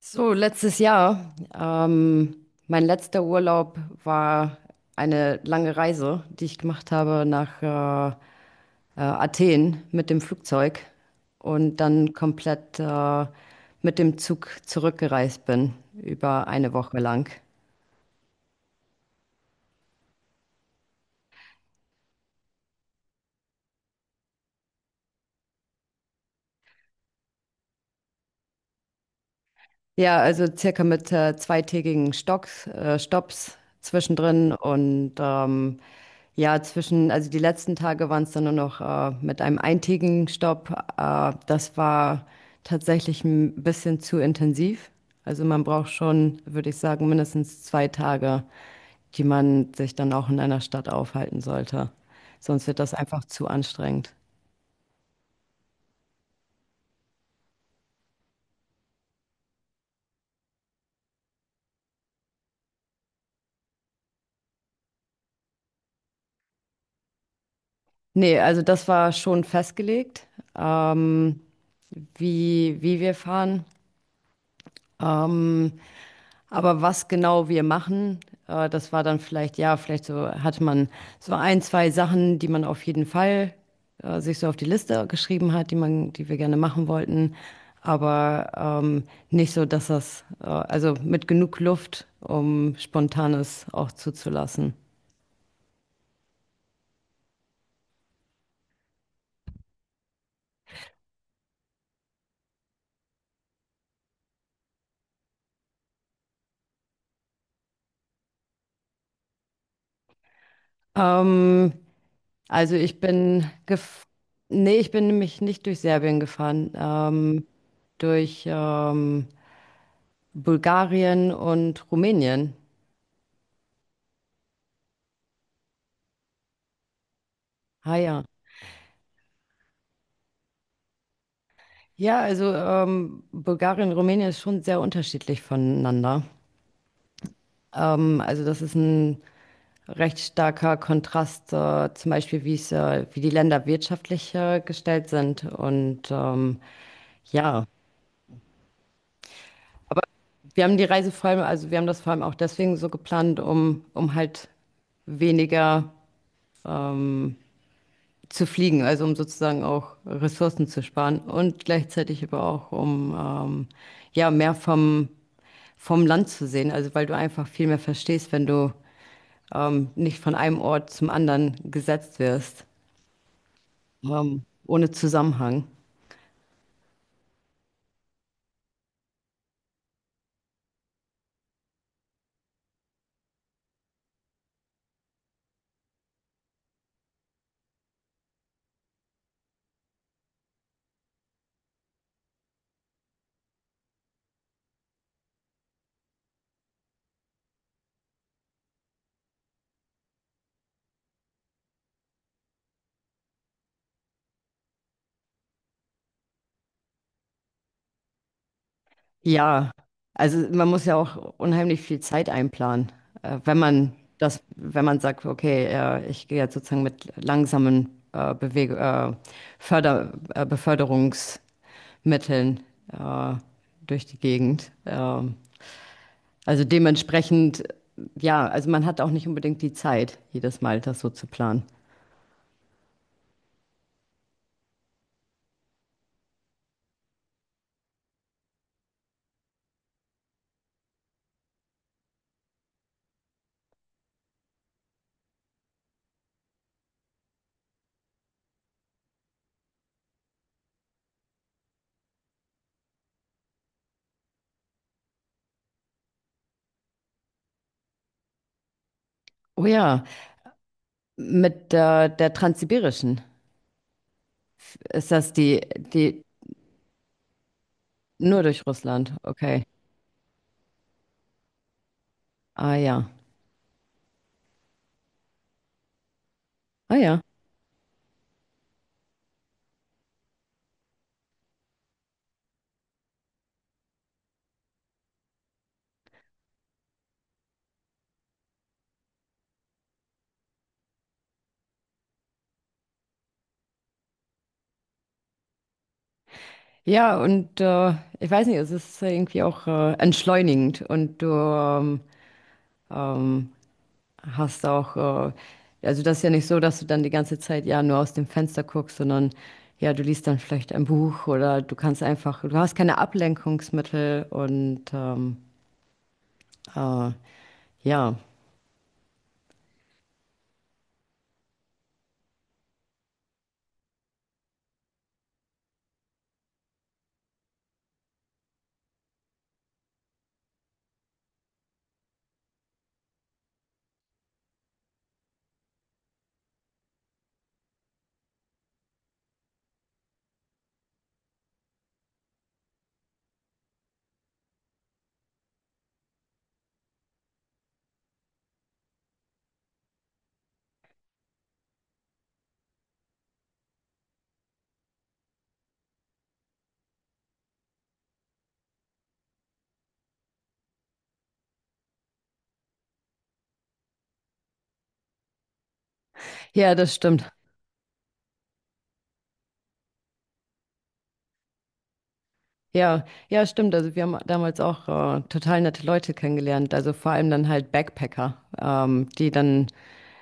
So, letztes Jahr, mein letzter Urlaub war eine lange Reise, die ich gemacht habe nach Athen mit dem Flugzeug und dann komplett mit dem Zug zurückgereist bin, über eine Woche lang. Ja, also circa mit zweitägigen Stops zwischendrin und ja, also die letzten Tage waren es dann nur noch mit einem eintägigen Stopp. Das war tatsächlich ein bisschen zu intensiv. Also man braucht schon, würde ich sagen, mindestens zwei Tage, die man sich dann auch in einer Stadt aufhalten sollte. Sonst wird das einfach zu anstrengend. Nee, also das war schon festgelegt, ähm, wie, wie wir fahren. Aber was genau wir machen, das war dann vielleicht, ja, vielleicht, so hatte man so ein, zwei Sachen, die man auf jeden Fall sich so auf die Liste geschrieben hat, die wir gerne machen wollten. Aber ähm, nicht so, dass also mit genug Luft, um Spontanes auch zuzulassen. Ähm, also ich bin gef nee, ich bin nämlich nicht durch Serbien gefahren, durch Bulgarien und Rumänien. Ah ja. Ja, also Bulgarien und Rumänien ist schon sehr unterschiedlich voneinander. Also das ist ein recht starker Kontrast, zum Beispiel wie wie die Länder wirtschaftlich gestellt sind. Und ja, wir haben die Reise vor allem, also wir haben das vor allem auch deswegen so geplant, um, um halt weniger zu fliegen, also um sozusagen auch Ressourcen zu sparen und gleichzeitig aber auch um ja, mehr vom vom Land zu sehen, also weil du einfach viel mehr verstehst, wenn du nicht von einem Ort zum anderen gesetzt wirst, ohne Zusammenhang. Ja, also man muss ja auch unheimlich viel Zeit einplanen, wenn man das, wenn man sagt, okay, ich gehe jetzt sozusagen mit langsamen Beweg Förder Beförderungsmitteln äh, durch die Gegend. Also dementsprechend, ja, also man hat auch nicht unbedingt die Zeit, jedes Mal das so zu planen. Oh ja, mit der Transsibirischen ist das die, die nur durch Russland, okay. Ah ja. Ah ja. Ja, und ich weiß nicht, es ist irgendwie auch entschleunigend und du ähm, hast auch, also das ist ja nicht so, dass du dann die ganze Zeit ja nur aus dem Fenster guckst, sondern ja, du liest dann vielleicht ein Buch oder du kannst einfach, du hast keine Ablenkungsmittel und äh, ja, ja, das stimmt. Ja, ja, stimmt. Also wir haben damals auch total nette Leute kennengelernt. Also vor allem dann halt Backpacker, die dann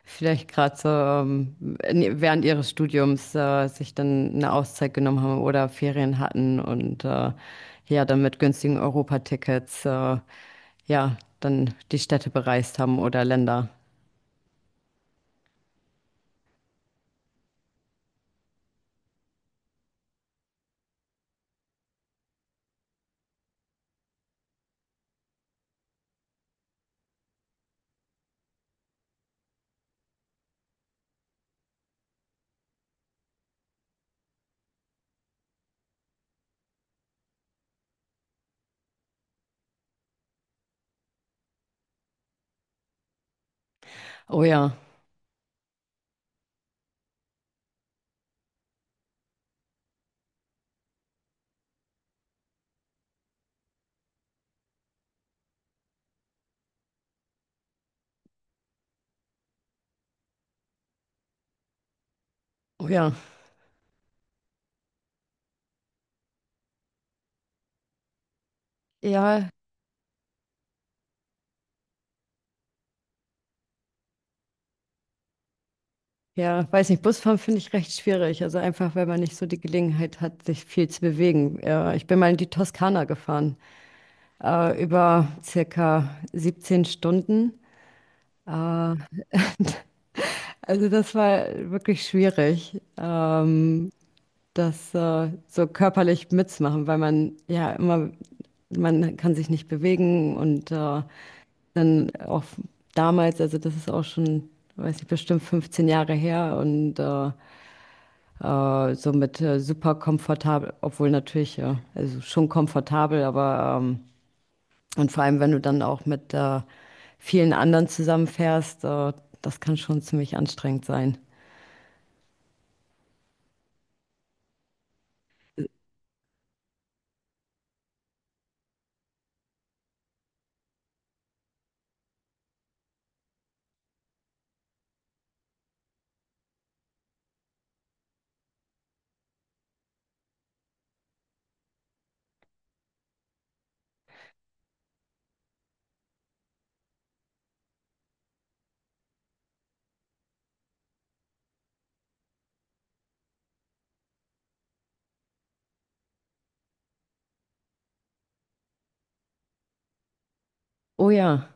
vielleicht gerade so während ihres Studiums sich dann eine Auszeit genommen haben oder Ferien hatten und ja, dann mit günstigen Europatickets ja, dann die Städte bereist haben oder Länder. Oh ja, oh ja. Ja, ja, weiß nicht, Busfahren finde ich recht schwierig. Also einfach, weil man nicht so die Gelegenheit hat, sich viel zu bewegen. Ich bin mal in die Toskana gefahren, über circa 17 Stunden. Äh, also das war wirklich schwierig, das so körperlich mitzumachen, weil man ja immer, man kann sich nicht bewegen und dann auch damals, also das ist auch schon, weiß nicht, bestimmt 15 Jahre her und so mit super komfortabel, obwohl natürlich, ja, also schon komfortabel, aber und vor allem, wenn du dann auch mit vielen anderen zusammenfährst, das kann schon ziemlich anstrengend sein. Oh ja,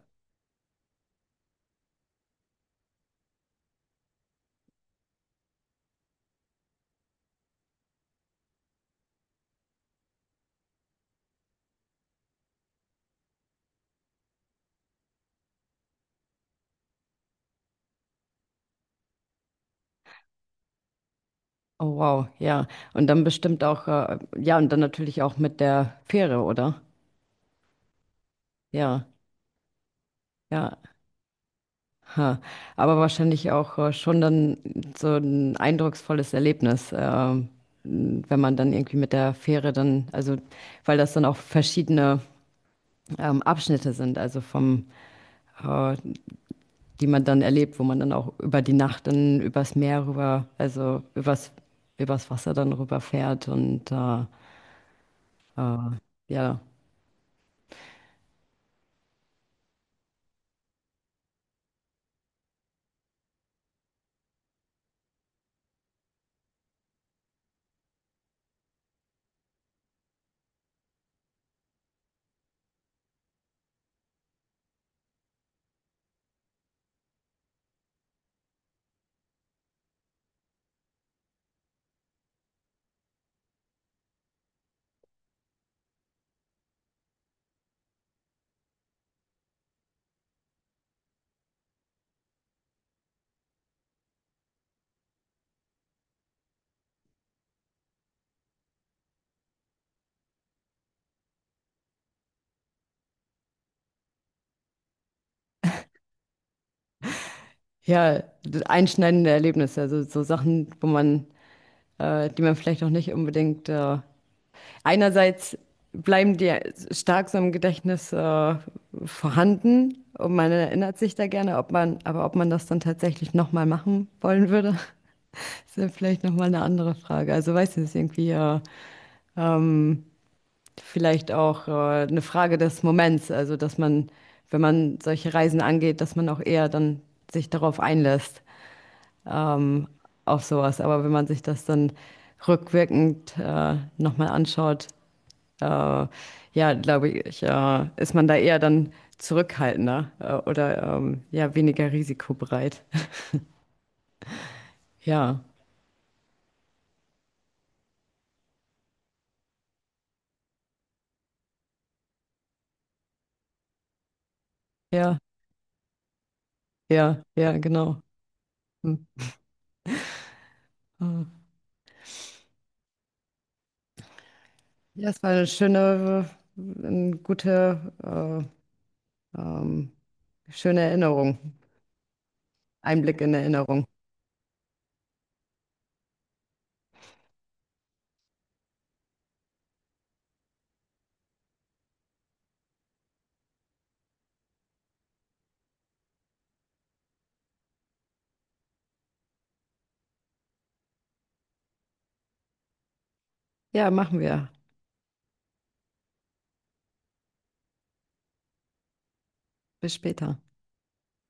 oh wow, ja. Und dann bestimmt auch, ja, und dann natürlich auch mit der Fähre, oder? Ja, ja. Ha. Aber wahrscheinlich auch schon dann so ein eindrucksvolles Erlebnis, wenn man dann irgendwie mit der Fähre dann, also weil das dann auch verschiedene Abschnitte sind, äh, die man dann erlebt, wo man dann auch über die Nacht dann übers Meer rüber, also übers, übers Wasser dann rüberfährt und äh, ja, ja, einschneidende Erlebnisse, also so Sachen, wo man, die man vielleicht auch nicht unbedingt einerseits bleiben die stark so im Gedächtnis vorhanden, und man erinnert sich da gerne, ob man, aber ob man das dann tatsächlich nochmal machen wollen würde, das ist ja vielleicht nochmal eine andere Frage. Also weiß nicht, ist irgendwie vielleicht auch eine Frage des Moments. Also dass man, wenn man solche Reisen angeht, dass man auch eher dann sich darauf einlässt, ähm, auf sowas. Aber wenn man sich das dann rückwirkend nochmal anschaut, äh, ja, glaube ich, ist man da eher dann zurückhaltender oder ja, weniger risikobereit. Ja, ja, ja, ja, genau. Hm. Ah. Ja, es war eine schöne, eine gute, äh, ähm, schöne Erinnerung. Einblick in Erinnerung. Ja, machen wir. Bis später.